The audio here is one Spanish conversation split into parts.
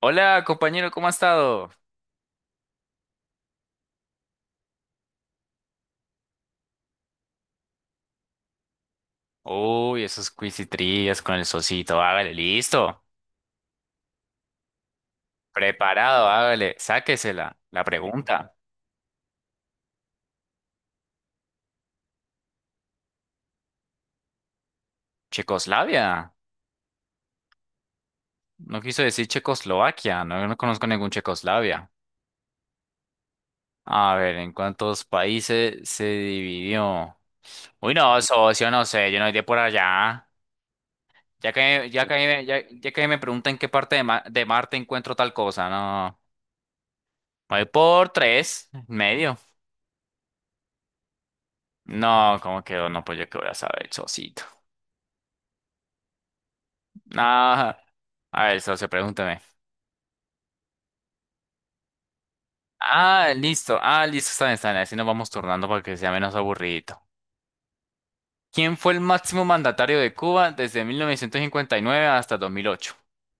Hola, compañero, ¿cómo ha estado? Uy, esos quiz y trivias con el socito. Hágale, listo. Preparado, hágale. Sáquesela. La pregunta. Checoslavia. No quiso decir Checoslovaquia. No, no conozco ningún Checoslavia. A ver, ¿en cuántos países se dividió? Uy, no, socio, no sé. Yo no iré por allá. Ya que me preguntan en qué parte de, de Marte encuentro tal cosa. No. Voy por tres, medio. No, ¿cómo quedó? No, pues yo qué voy a saber, socito. Ah, a ver, socio, pregúntame. Ah, listo. Ah, listo, está bien, está bien. Así nos vamos turnando para que sea menos aburridito. ¿Quién fue el máximo mandatario de Cuba desde 1959 hasta 2008?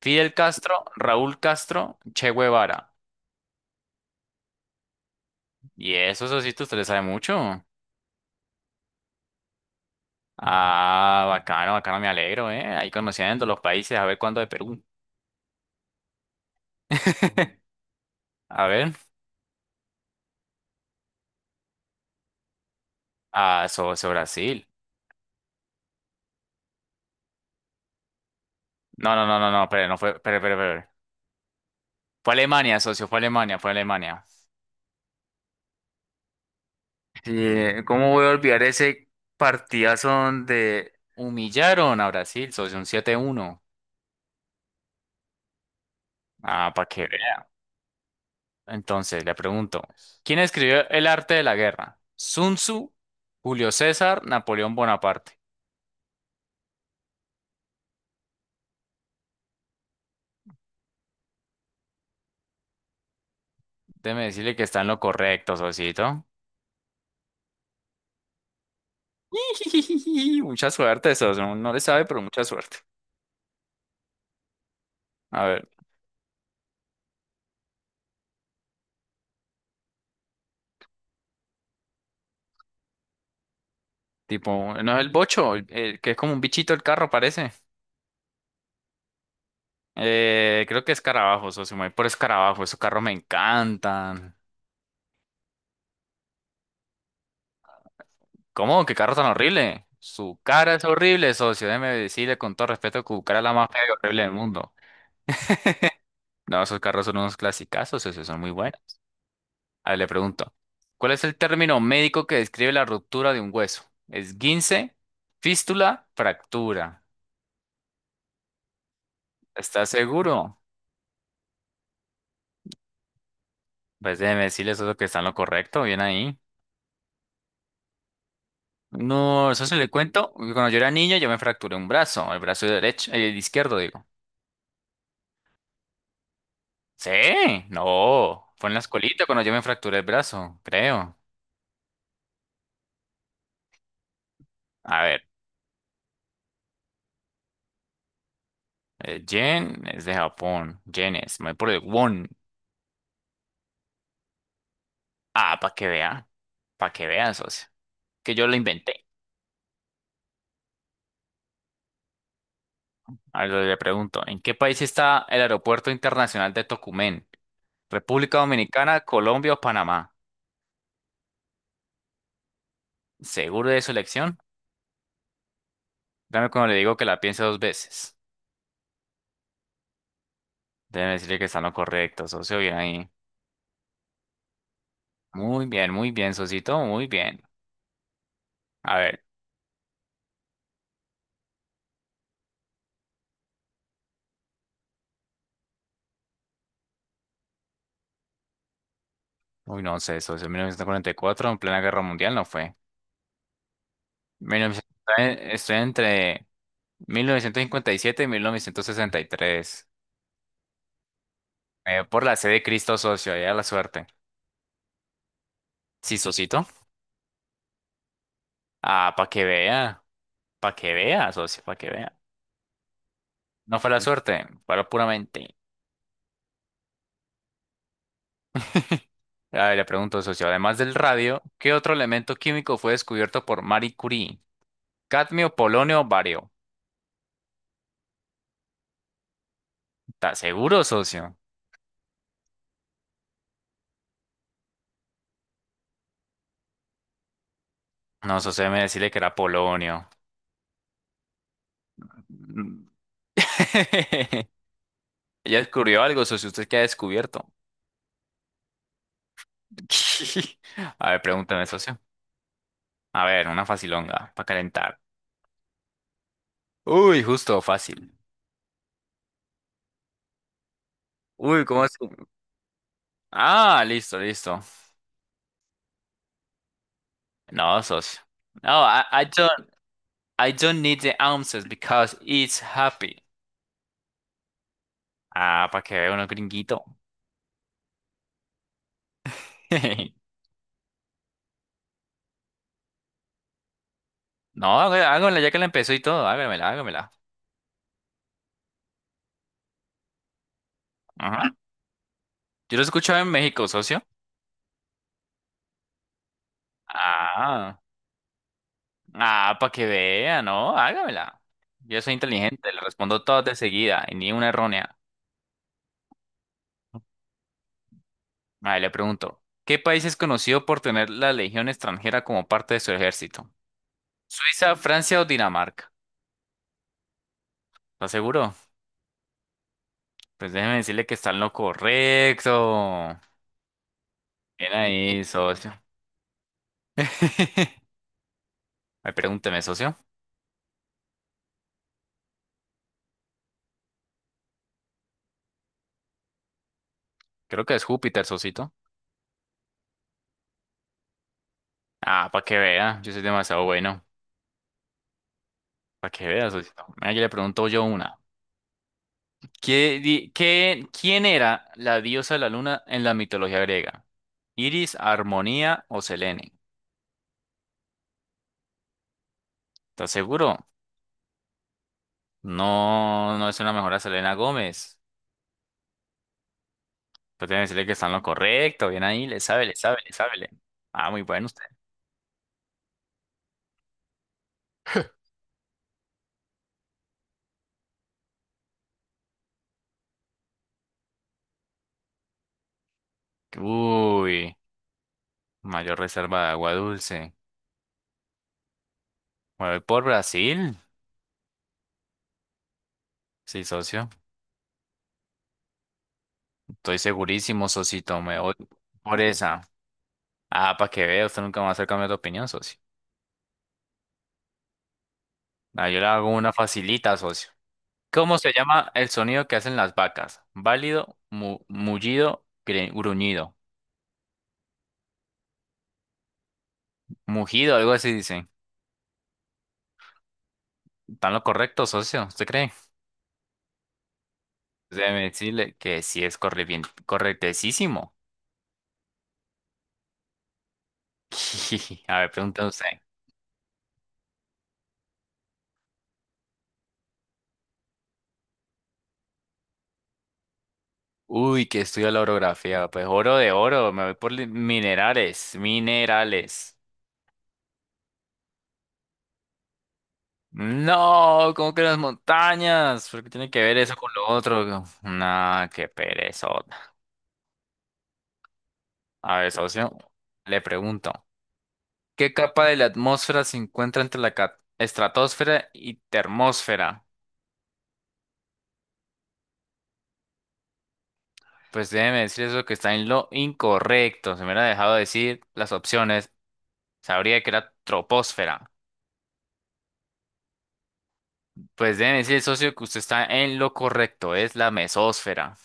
Fidel Castro, Raúl Castro, Che Guevara. Y eso, socito, usted le sabe mucho. Ah, bacano, bacano, me alegro, ¿eh? Ahí conociendo los países, a ver cuándo de Perú. A ver. Ah, socio, Brasil. No, no, no, no, no, espere, no fue, espere, espere, espere. Fue Alemania, socio, fue Alemania, fue Alemania. Sí, ¿cómo voy a olvidar ese partidazo donde humillaron a Brasil, socio, un 7-1? Ah, para que vea. Entonces, le pregunto, ¿quién escribió El arte de la guerra? Sun Tzu, Julio César, Napoleón Bonaparte. Déjeme decirle que está en lo correcto, socito. Mucha suerte, socio. No le sabe, pero mucha suerte. A ver, tipo, ¿no es el bocho? El que es como un bichito el carro, parece. Creo que escarabajo, socio. Me voy por escarabajo. Esos carros me encantan. ¿Cómo? ¿Qué carro tan horrible? Su cara es horrible, socio. Déjeme decirle con todo respeto que su cara es la más fea y horrible del mundo. No, esos carros son unos clasicazos, socio. Son muy buenos. A ver, le pregunto. ¿Cuál es el término médico que describe la ruptura de un hueso? ¿Esguince, fístula, fractura? ¿Estás seguro? Pues déjeme decirle, socio, que está en lo correcto. Bien ahí. No, eso se le cuento. Cuando yo era niño, yo me fracturé un brazo, el brazo derecho, el izquierdo, digo. Sí, no, fue en la escuelita cuando yo me fracturé el brazo, creo. A ver, Jen es de Japón, Jen es, me voy por el won. Ah, para que vea, socio, que yo lo inventé. A ver, le pregunto, ¿en qué país está el aeropuerto internacional de Tocumen? ¿República Dominicana, Colombia o Panamá? ¿Seguro de su elección? Dame cuando le digo que la piense dos veces. Déjeme decirle que está en lo correcto, socio. Bien ahí. Muy bien, socito. Muy bien. A ver. Uy, no sé, socio. 1944, en plena guerra mundial, no fue. 1900. Estoy entre 1957 y 1963. Por la sede de Cristo, socio. Ya la suerte. Sí, socito. Ah, para que vea. Para que vea, socio. Para que vea. No fue la suerte, fue la pura mente. A ver, le pregunto, socio, además del radio, ¿qué otro elemento químico fue descubierto por Marie Curie? Cadmio, polonio, bario. ¿Estás seguro, socio? No, socio, me decirle que era polonio. Mm. ¿Ya descubrió algo, socio? ¿Usted qué ha descubierto? A ver, pregúntame, socio. A ver, una facilonga para calentar. Uy, justo, fácil. Uy, ¿cómo es? Ah, listo, listo. No, socio. No, I don't need the answers because it's happy. Ah, para que vea uno gringuito. No, hágamela ya que la empezó y todo. Hágamela, hágamela. Yo lo escuchaba en México, socio. Ah, ah, para que vea, ¿no? Hágamela. Yo soy inteligente, le respondo todas de seguida y ni una errónea. Ahí le pregunto, ¿qué país es conocido por tener la Legión extranjera como parte de su ejército? ¿Suiza, Francia o Dinamarca? ¿Está seguro? Pues déjeme decirle que está en lo correcto. Bien ahí, socio. Ay, pregúnteme, socio. Creo que es Júpiter, socito. Ah, para que vea, yo soy demasiado bueno. Para que vea, socito. Mira, yo le pregunto yo una. ¿ quién era la diosa de la luna en la mitología griega? ¿Iris, Armonía o Selene? ¿Estás seguro? No, no es una mejora Selena Gómez. Pues tiene que decirle que está en lo correcto. Bien ahí, le sabe, le sabe, le sabe. Le- Ah, muy bueno usted. Uy, mayor reserva de agua dulce. Me voy por Brasil. Sí, socio. Estoy segurísimo, socito. Me voy por esa. Ah, para que vea, usted nunca va a hacer cambiar de opinión, socio. Ah, yo le hago una facilita, socio. ¿Cómo se llama el sonido que hacen las vacas? Válido, mullido, gruñido, mugido, algo así dicen. ¿Están lo correcto, socio? ¿Usted cree? Déjeme decirle que sí es corre bien, correctísimo. A ver, pregunta usted. Uy, que estudia la orografía. Pues oro de oro, me voy por minerales, minerales. No, ¿cómo que las montañas? ¿Por qué tiene que ver eso con lo otro? Nah, qué perezota. A ver, socio, le pregunto. ¿Qué capa de la atmósfera se encuentra entre la estratosfera y termósfera? Pues déjeme decir eso que está en lo incorrecto. Se me hubiera dejado decir las opciones. Sabría que era troposfera. Pues déjeme decir, socio, que usted está en lo correcto. Es la mesósfera.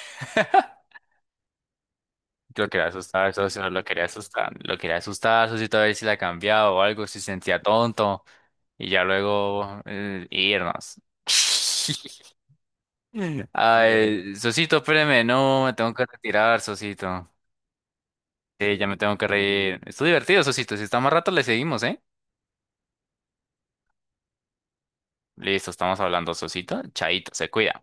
Lo quería asustar, socio, lo quería asustar. Lo quería asustar, socio, a ver si la cambiaba o algo, si se sentía tonto. Y ya luego irnos. Ay, Sosito, espéreme, no, me tengo que retirar, Sosito. Sí, ya me tengo que reír. Estuvo divertido, Sosito. Si está más rato, le seguimos, ¿eh? Listo, estamos hablando, Sosito. Chaito, se cuida.